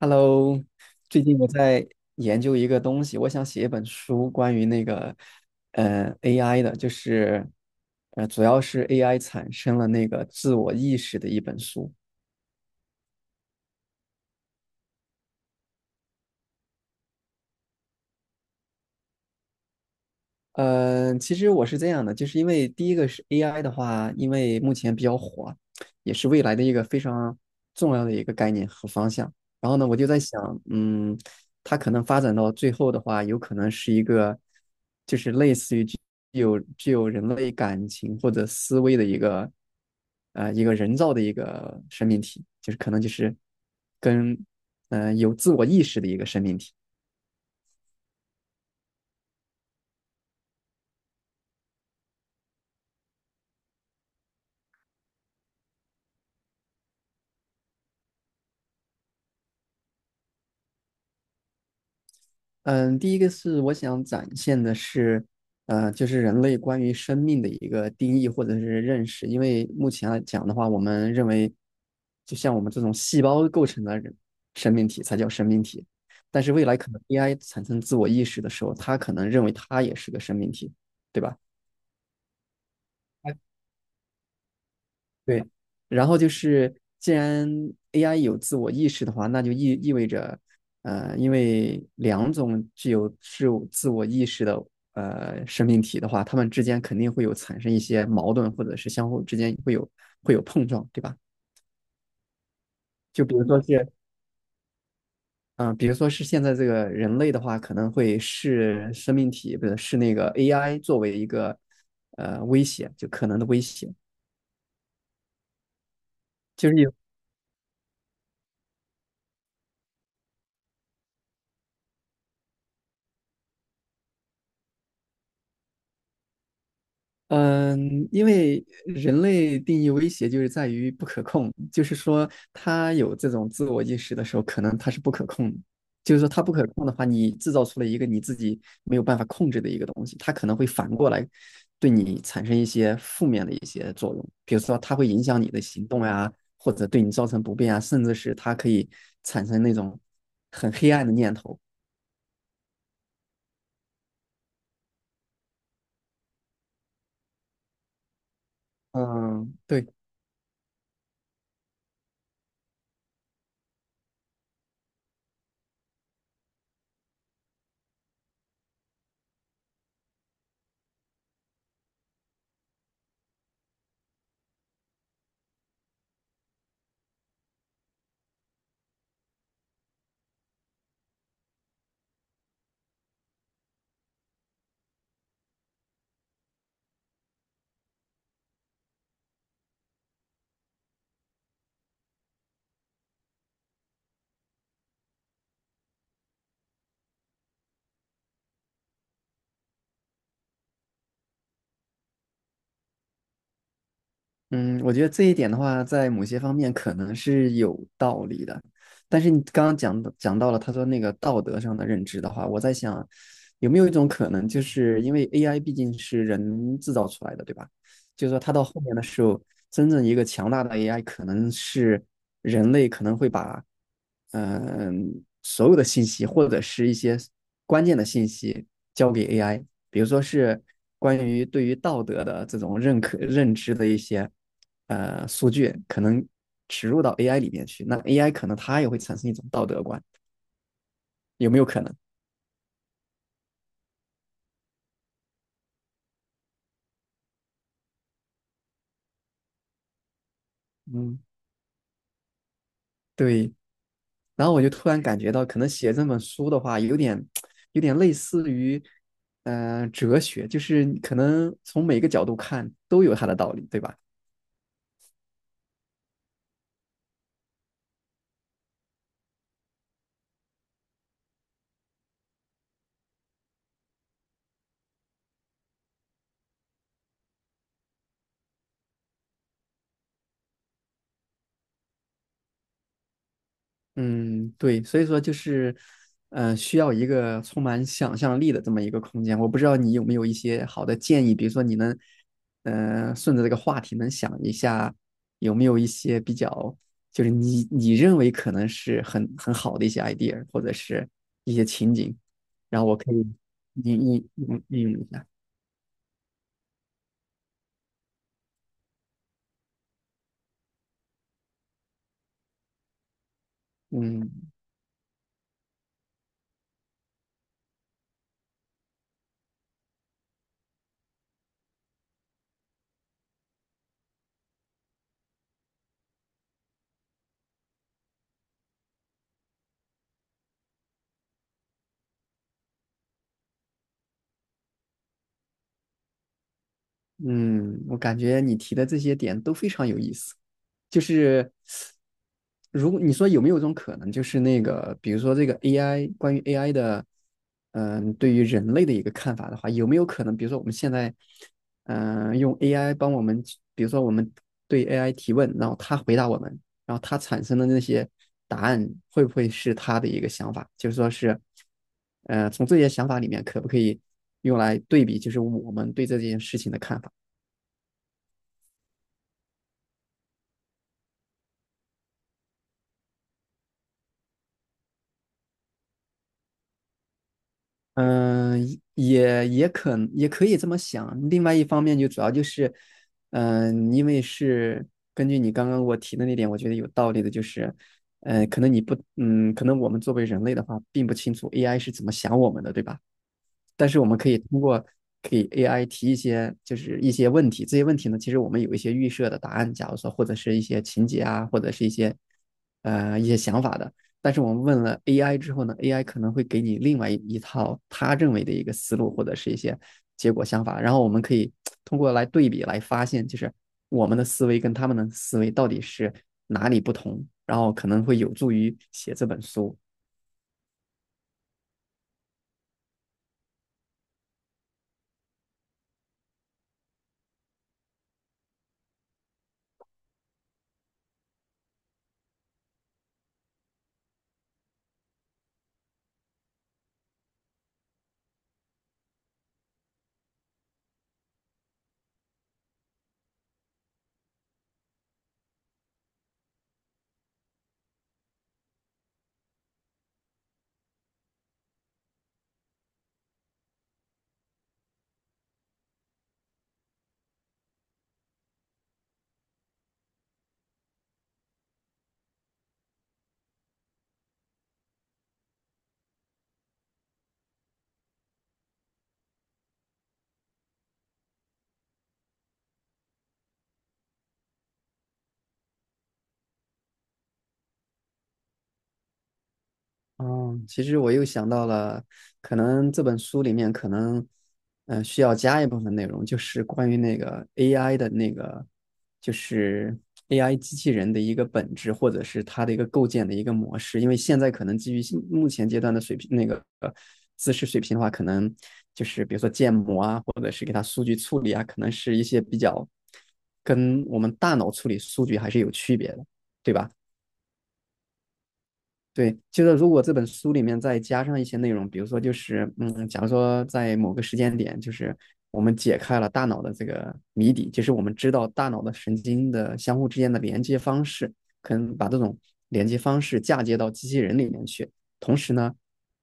Hello，最近我在研究一个东西，我想写一本书，关于那个AI 的，就是主要是 AI 产生了那个自我意识的一本书。其实我是这样的，就是因为第一个是 AI 的话，因为目前比较火，也是未来的一个非常重要的一个概念和方向。然后呢，我就在想，它可能发展到最后的话，有可能是一个，就是类似于具有人类感情或者思维的一个，一个人造的一个生命体，就是可能就是跟，有自我意识的一个生命体。嗯，第一个是我想展现的是，就是人类关于生命的一个定义或者是认识。因为目前来讲的话，我们认为，就像我们这种细胞构成的人生命体才叫生命体。但是未来可能 AI 产生自我意识的时候，它可能认为它也是个生命体，对吧？对，然后就是，既然 AI 有自我意识的话，那就意味着，因为两种具有自我意识的生命体的话，它们之间肯定会有产生一些矛盾，或者是相互之间会有碰撞，对吧？就比如说是，嗯、比如说是现在这个人类的话，可能会视生命体，不是视那个 AI 作为一个威胁，就可能的威胁。就是有嗯，因为人类定义威胁就是在于不可控，就是说他有这种自我意识的时候，可能他是不可控的。就是说他不可控的话，你制造出了一个你自己没有办法控制的一个东西，它可能会反过来对你产生一些负面的一些作用。比如说，它会影响你的行动呀，或者对你造成不便啊，甚至是它可以产生那种很黑暗的念头。嗯，对。嗯，我觉得这一点的话，在某些方面可能是有道理的，但是你刚刚讲到了他说那个道德上的认知的话，我在想，有没有一种可能，就是因为 AI 毕竟是人制造出来的，对吧？就是说它到后面的时候，真正一个强大的 AI，可能是人类可能会把嗯、所有的信息或者是一些关键的信息交给 AI，比如说是关于对于道德的这种认知的一些数据，可能植入到 AI 里面去，那 AI 可能它也会产生一种道德观，有没有可能？嗯，对，然后我就突然感觉到，可能写这本书的话，有点类似于哲学，就是可能从每个角度看都有它的道理，对吧？嗯，对，所以说就是，需要一个充满想象力的这么一个空间。我不知道你有没有一些好的建议，比如说你能，顺着这个话题能想一下，有没有一些比较，就是你认为可能是很好的一些 idea，或者是一些情景，然后我可以应用一下。嗯。嗯，我感觉你提的这些点都非常有意思。就是如果你说有没有一种可能，就是那个，比如说这个 AI 关于 AI 的，对于人类的一个看法的话，有没有可能，比如说我们现在，用 AI 帮我们去比如说我们对 AI 提问，然后它回答我们，然后它产生的那些答案会不会是它的一个想法？就是说是，从这些想法里面可不可以用来对比，就是我们对这件事情的看法？嗯，也可以这么想。另外一方面，就主要就是，因为是根据你刚刚我提的那点，我觉得有道理的，就是，可能你不，可能我们作为人类的话，并不清楚 AI 是怎么想我们的，对吧？但是我们可以通过给 AI 提一些就是一些问题，这些问题呢，其实我们有一些预设的答案，假如说或者是一些情节啊，或者是一些想法的。但是我们问了 AI 之后呢，AI 可能会给你另外一套他认为的一个思路或者是一些结果想法，然后我们可以通过来对比来发现，就是我们的思维跟他们的思维到底是哪里不同，然后可能会有助于写这本书。哦，其实我又想到了，可能这本书里面可能，需要加一部分内容，就是关于那个 AI 的那个，就是 AI 机器人的一个本质，或者是它的一个构建的一个模式。因为现在可能基于现目前阶段的水平，那个知识水平的话，可能就是比如说建模啊，或者是给它数据处理啊，可能是一些比较跟我们大脑处理数据还是有区别的，对吧？对，就是如果这本书里面再加上一些内容，比如说就是，假如说在某个时间点，就是我们解开了大脑的这个谜底，就是我们知道大脑的神经的相互之间的连接方式，可能把这种连接方式嫁接到机器人里面去，同时呢，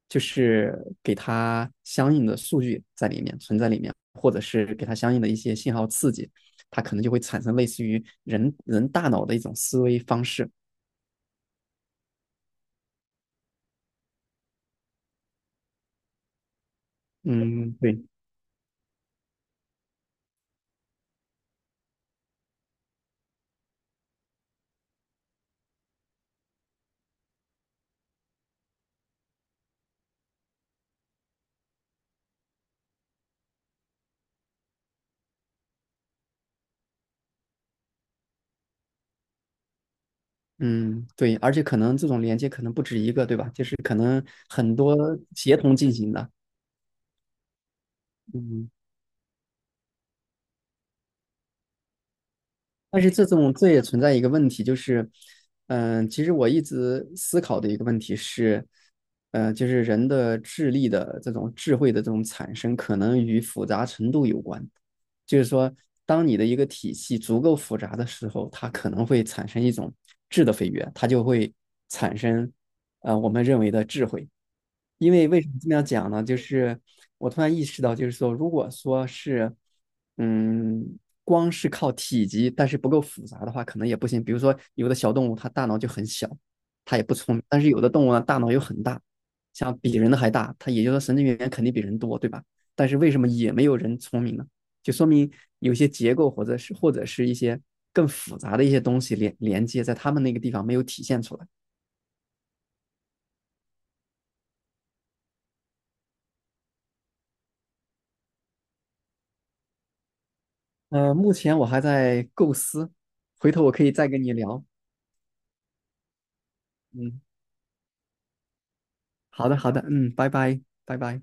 就是给它相应的数据在里面存在里面，或者是给它相应的一些信号刺激，它可能就会产生类似于人大脑的一种思维方式。嗯，对。嗯，对，而且可能这种连接可能不止一个，对吧？就是可能很多协同进行的。嗯，但是这也存在一个问题，就是，其实我一直思考的一个问题是，就是人的智力的这种智慧的这种产生，可能与复杂程度有关。就是说，当你的一个体系足够复杂的时候，它可能会产生一种质的飞跃，它就会产生，我们认为的智慧。因为为什么这么样讲呢？就是我突然意识到，就是说，如果说是，嗯，光是靠体积，但是不够复杂的话，可能也不行。比如说，有的小动物它大脑就很小，它也不聪明；但是有的动物呢，大脑又很大，像比人的还大，它也就是说神经元肯定比人多，对吧？但是为什么也没有人聪明呢？就说明有些结构或者是一些更复杂的一些东西连接在他们那个地方没有体现出来。目前我还在构思，回头我可以再跟你聊。嗯，好的，好的，嗯，拜拜，拜拜。